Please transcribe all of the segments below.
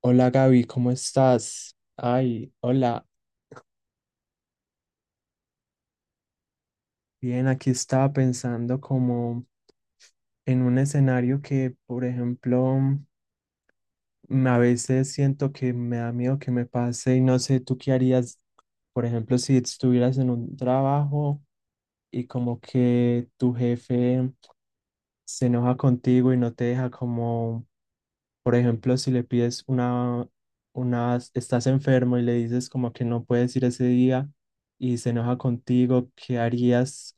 Hola Gaby, ¿cómo estás? Ay, hola. Bien, aquí estaba pensando como en un escenario que, por ejemplo, a veces siento que me da miedo que me pase y no sé, ¿tú qué harías, por ejemplo, si estuvieras en un trabajo y como que tu jefe se enoja contigo y no te deja como, por ejemplo, si le pides una, estás enfermo y le dices como que no puedes ir ese día y se enoja contigo? ¿Qué harías?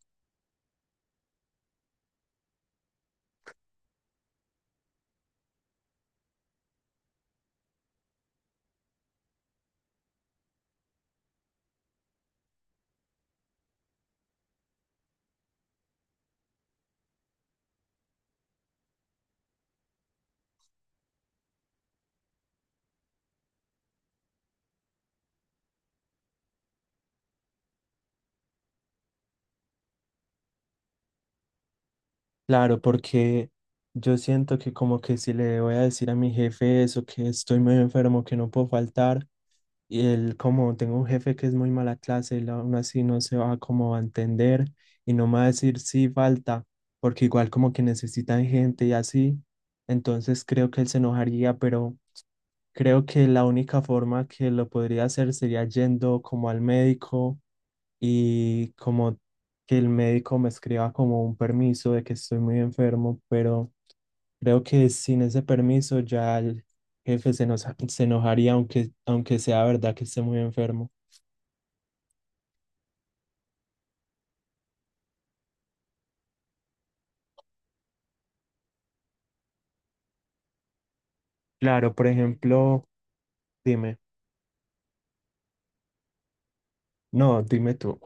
Claro, porque yo siento que como que si le voy a decir a mi jefe eso, que estoy muy enfermo, que no puedo faltar, y él, como tengo un jefe que es muy mala clase, él aún así no se va como a entender y no me va a decir sí falta, porque igual como que necesitan gente y así, entonces creo que él se enojaría, pero creo que la única forma que lo podría hacer sería yendo como al médico y como que el médico me escriba como un permiso de que estoy muy enfermo, pero creo que sin ese permiso ya el jefe se, nos, se enojaría aunque sea verdad que esté muy enfermo. Claro, por ejemplo, dime, no, dime tú.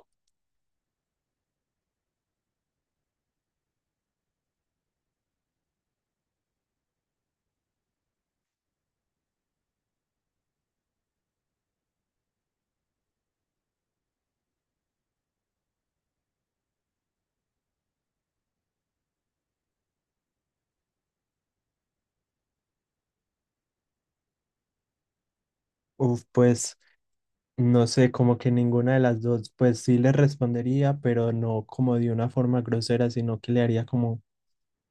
Uf, pues no sé, como que ninguna de las dos, pues sí le respondería, pero no como de una forma grosera, sino que le haría como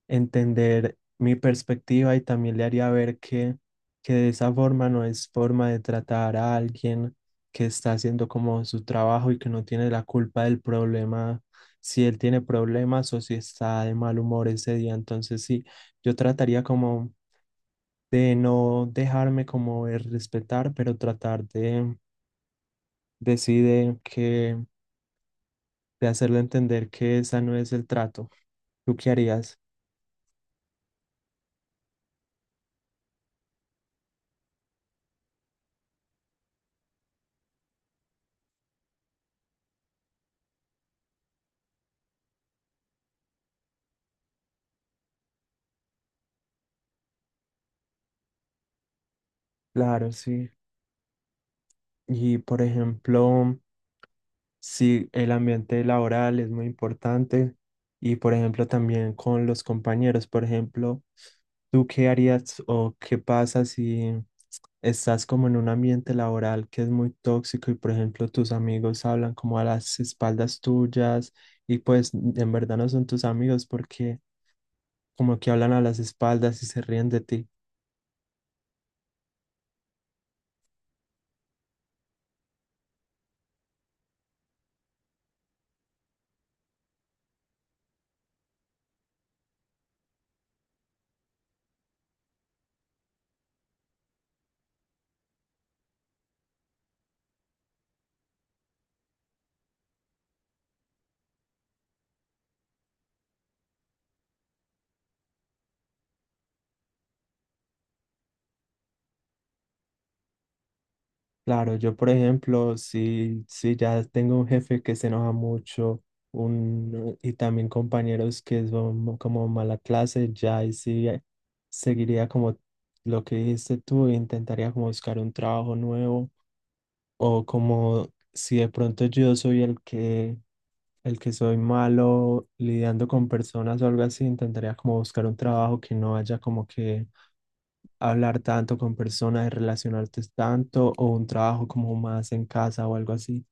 entender mi perspectiva y también le haría ver que de esa forma no es forma de tratar a alguien que está haciendo como su trabajo y que no tiene la culpa del problema, si él tiene problemas o si está de mal humor ese día. Entonces sí, yo trataría como de no dejarme como de respetar, pero tratar de decir que, de hacerle entender que esa no es el trato. ¿Tú qué harías? Claro, sí. Y por ejemplo, sí, el ambiente laboral es muy importante y, por ejemplo, también con los compañeros. Por ejemplo, ¿tú qué harías o qué pasa si estás como en un ambiente laboral que es muy tóxico y, por ejemplo, tus amigos hablan como a las espaldas tuyas y pues en verdad no son tus amigos porque como que hablan a las espaldas y se ríen de ti? Claro, yo por ejemplo, si ya tengo un jefe que se enoja mucho un, y también compañeros que son como mala clase, ya ahí sí seguiría como lo que dijiste tú, intentaría como buscar un trabajo nuevo o como si de pronto yo soy el que soy malo lidiando con personas o algo así, intentaría como buscar un trabajo que no haya como que hablar tanto con personas y relacionarte tanto o un trabajo como más en casa o algo así.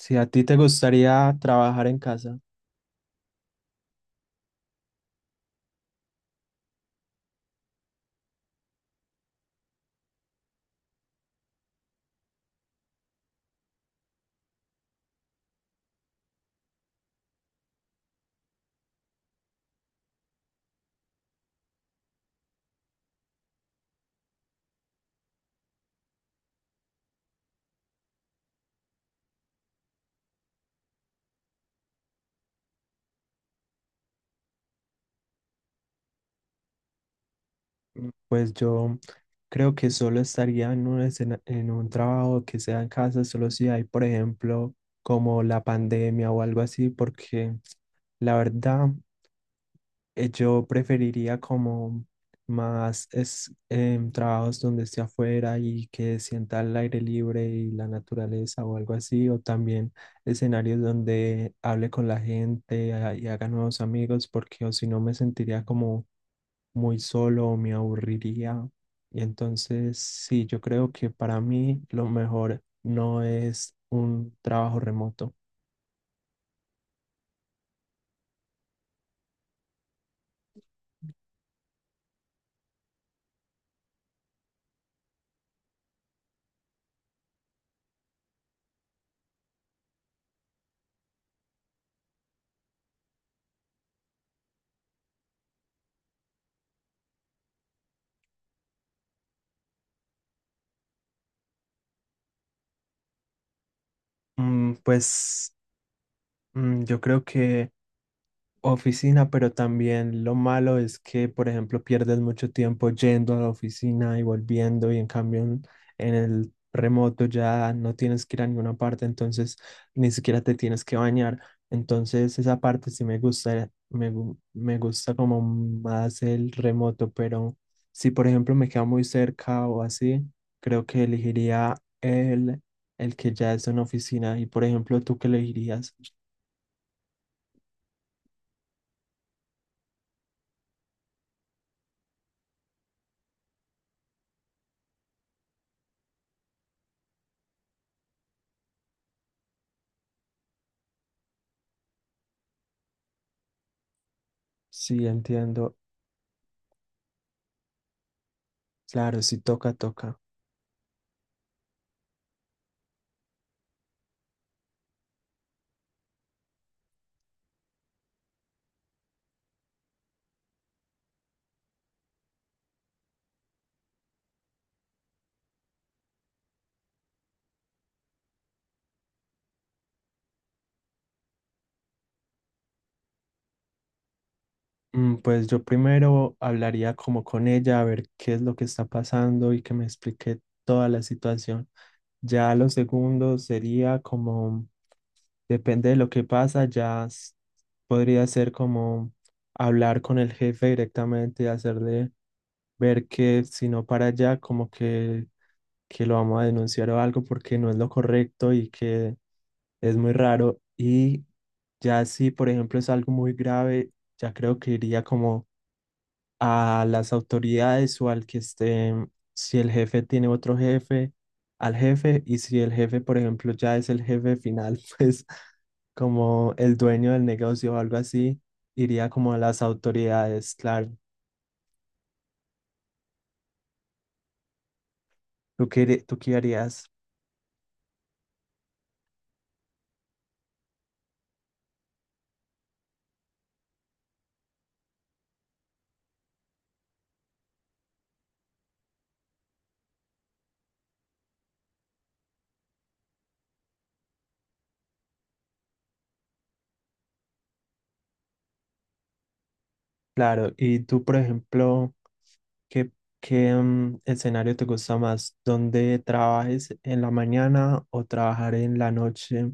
¿Si a ti te gustaría trabajar en casa? Mm, pues yo creo que solo estaría en un, escena- en un trabajo que sea en casa, solo si hay, por ejemplo, como la pandemia o algo así, porque la verdad yo preferiría como más es, trabajos donde esté afuera y que sienta el aire libre y la naturaleza o algo así, o también escenarios donde hable con la gente y haga nuevos amigos, porque o si no me sentiría como muy solo o me aburriría. Y entonces, sí, yo creo que para mí lo mejor no es un trabajo remoto. Mm, Pues yo creo que oficina, pero también lo malo es que, por ejemplo, pierdes mucho tiempo yendo a la oficina y volviendo y en cambio, en el remoto ya no tienes que ir a ninguna parte, entonces ni siquiera te tienes que bañar. Entonces esa parte sí me gusta, me, gu- me gusta como más el remoto, pero si por ejemplo me queda muy cerca o así, creo que elegiría el que ya es una oficina. Y por ejemplo, ¿tú qué elegirías? Sí, entiendo. Claro, si toca, toca. Mm, pues yo primero hablaría como con ella, a ver qué es lo que está pasando y que me explique toda la situación. Ya lo segundo sería como, depende de lo que pasa, ya s- podría ser como hablar con el jefe directamente, hacerle ver que si no para allá, como que lo vamos a denunciar o algo porque no es lo correcto y que es muy raro. Y ya si, por ejemplo, es algo muy grave, ya creo que iría como a las autoridades o al que esté, si el jefe tiene otro jefe, al jefe. Y si el jefe, por ejemplo, ya es el jefe final, pues como el dueño del negocio o algo así, iría como a las autoridades, claro. ¿Tú qué, harí- tú qué harías? Claro. Y tú, por ejemplo... ¿Qué, qué, mm, escenario te gusta más? ¿Dónde trabajes en la mañana o trabajar en la noche?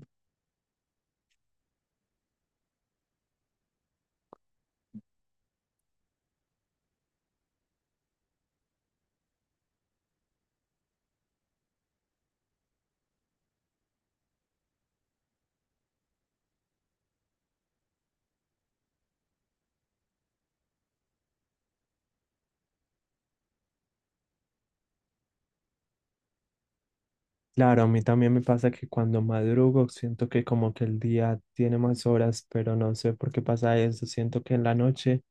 Claro, a mí también me pasa que cuando madrugo siento que como que el día tiene más horas, pero no sé por qué pasa eso. Siento que en la noche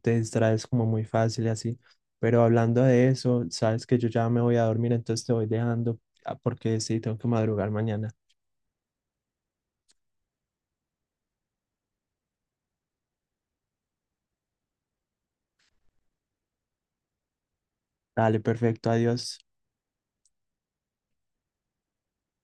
te distraes como muy fácil y así. Pero hablando de eso, sabes que yo ya me voy a dormir, entonces te voy dejando, ah, porque sí, tengo que madrugar mañana. Dale, perfecto, adiós.